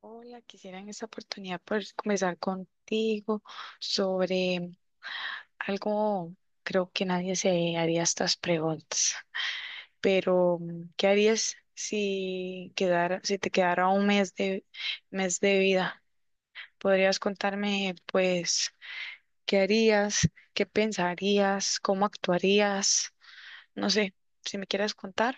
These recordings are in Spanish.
Hola, quisiera en esta oportunidad poder conversar contigo sobre algo, creo que nadie se haría estas preguntas, pero ¿qué harías si si te quedara un mes mes de vida? ¿Podrías contarme, pues, qué harías, qué pensarías, cómo actuarías? No sé, si me quieres contar.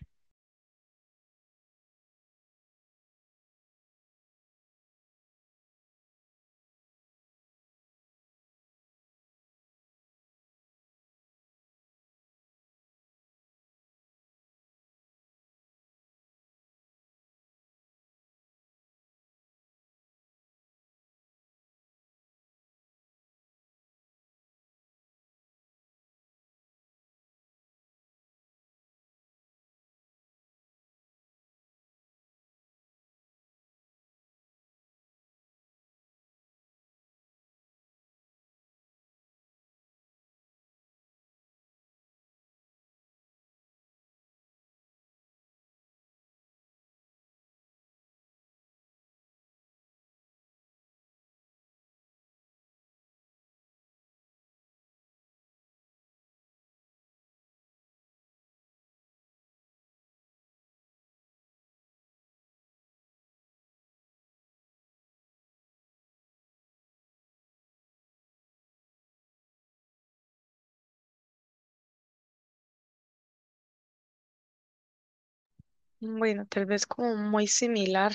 Bueno, tal vez como muy similar.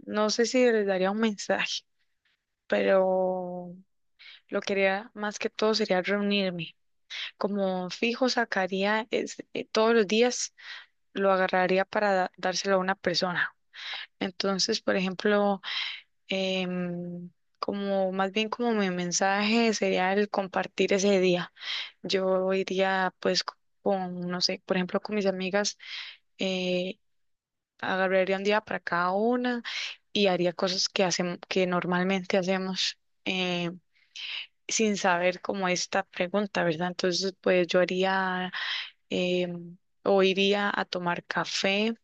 No sé si les daría un mensaje, pero lo que haría más que todo sería reunirme. Como fijo sacaría todos los días, lo agarraría para dárselo a una persona. Entonces, por ejemplo, em, como más bien como mi mensaje sería el compartir ese día. Yo iría pues con, no sé, por ejemplo, con mis amigas, eh, agarraría un día para cada una y haría cosas que hacemos, que normalmente hacemos. em, Sin saber cómo esta pregunta, ¿verdad? Entonces, pues yo haría em, o iría a tomar café,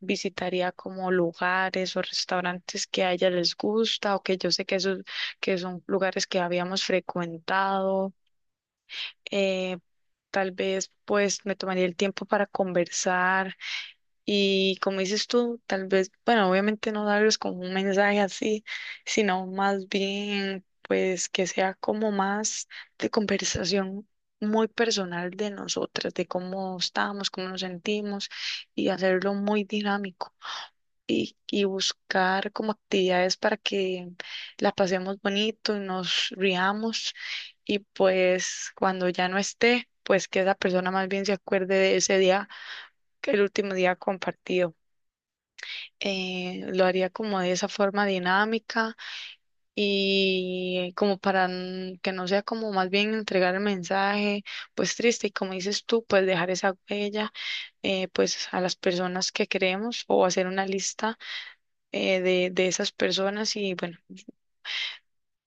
visitaría como lugares o restaurantes que a ella les gusta o que yo sé que, esos, que son lugares que habíamos frecuentado. eh, tal vez pues me tomaría el tiempo para conversar y como dices tú, tal vez, bueno, obviamente no darles como un mensaje así, sino más bien, pues que sea como más de conversación muy personal de nosotras, de cómo estamos, cómo nos sentimos y hacerlo muy dinámico y buscar como actividades para que la pasemos bonito y nos riamos y pues cuando ya no esté, pues que esa persona más bien se acuerde de ese día, que el último día compartido lo haría como de esa forma dinámica y como para que no sea como más bien entregar el mensaje, pues triste y como dices tú, pues dejar esa huella, pues a las personas que queremos o hacer una lista de esas personas y bueno,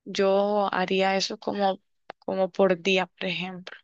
yo haría eso como, como por día, por ejemplo.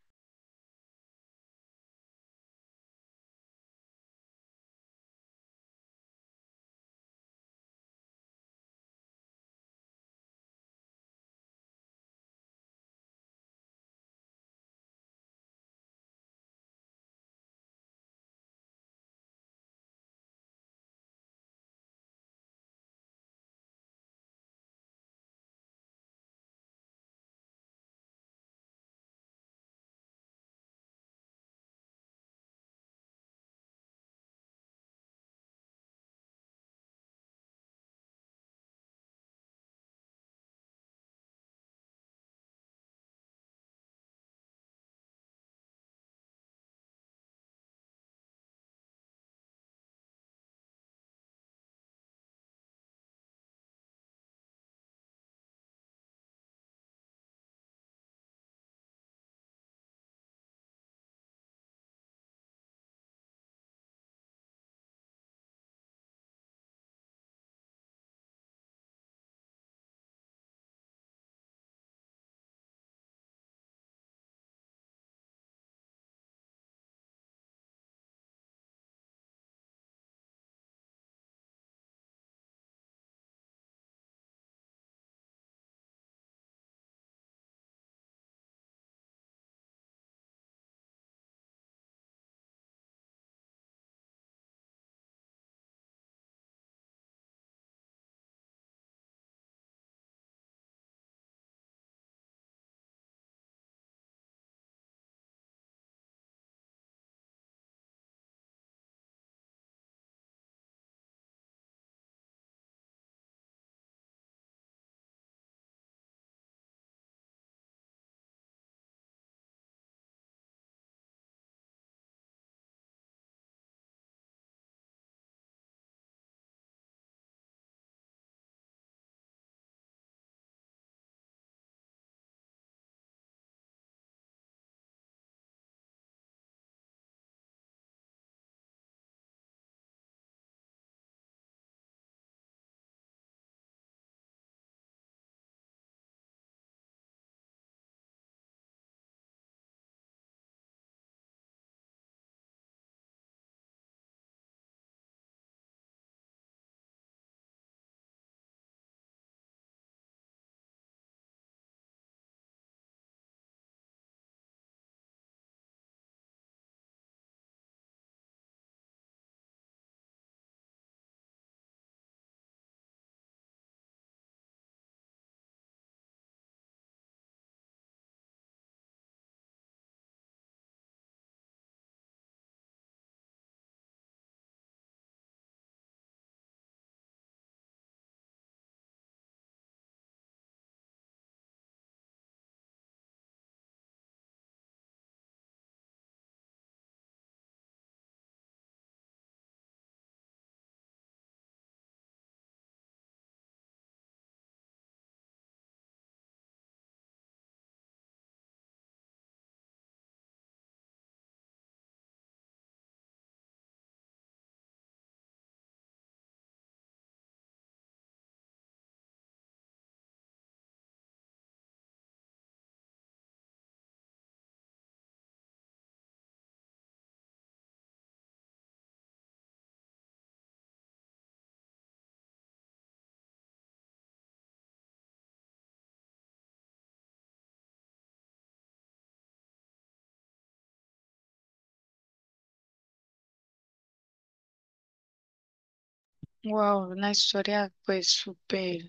Wow, una historia pues súper,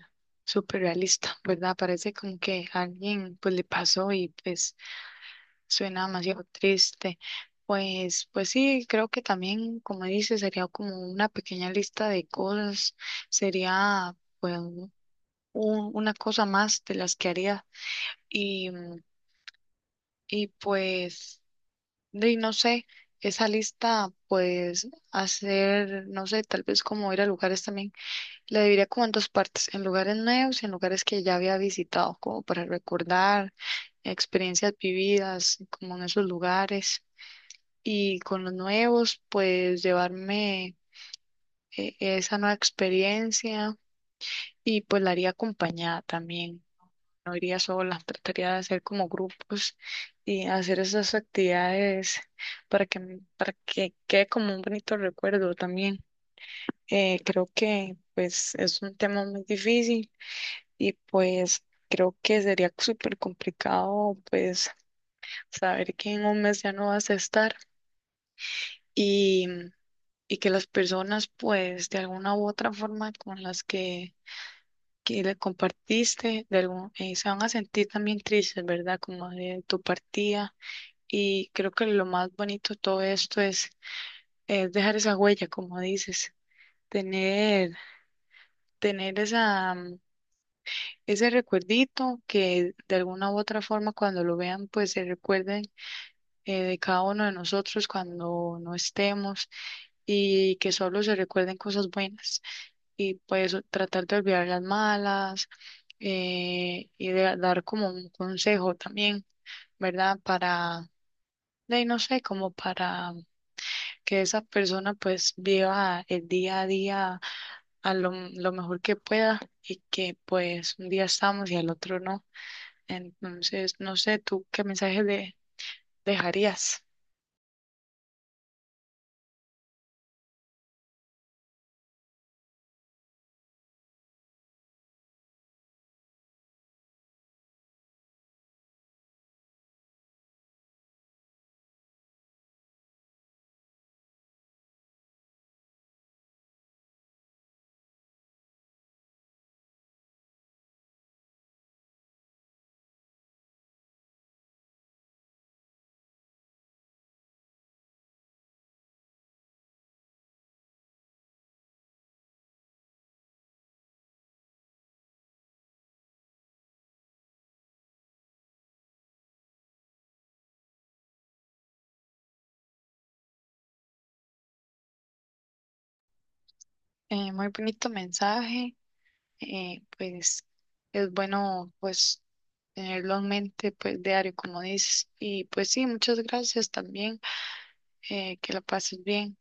súper realista, ¿verdad? Parece como que a alguien pues le pasó y pues suena demasiado triste. Pues sí, creo que también, como dices, sería como una pequeña lista de cosas, sería pues una cosa más de las que haría. Y, mm, y pues, de, no sé, esa lista, pues hacer, no sé, tal vez como ir a lugares también, la dividiría como en dos partes, en lugares nuevos y en lugares que ya había visitado, como para recordar experiencias vividas, como en esos lugares. Y con los nuevos, pues llevarme esa nueva experiencia y pues la haría acompañada también. No iría sola, trataría de hacer como grupos y hacer esas actividades para que quede como un bonito recuerdo también. Creo que pues es un tema muy difícil y pues creo que sería súper complicado pues saber que en un mes ya no vas a estar. Y y que las personas, pues, de alguna u otra forma con que le compartiste, de se van a sentir también tristes, ¿verdad? Como de tu partida. Y creo que lo más bonito de todo esto es dejar esa huella, como dices, tener, tener ese recuerdito que de alguna u otra forma cuando lo vean, pues se recuerden, de cada uno de nosotros cuando no estemos y que solo se recuerden cosas buenas. Y pues tratar de olvidar las malas, y de dar como un consejo también, ¿verdad? Para, de ahí no sé, como para que esa persona pues viva el día a día a lo mejor que pueda y que pues un día estamos y al otro no. Entonces, no sé, ¿tú qué mensaje le dejarías? Muy bonito mensaje, pues es bueno pues tenerlo en mente pues diario, como dices. Y pues sí, muchas gracias también, que la pases bien.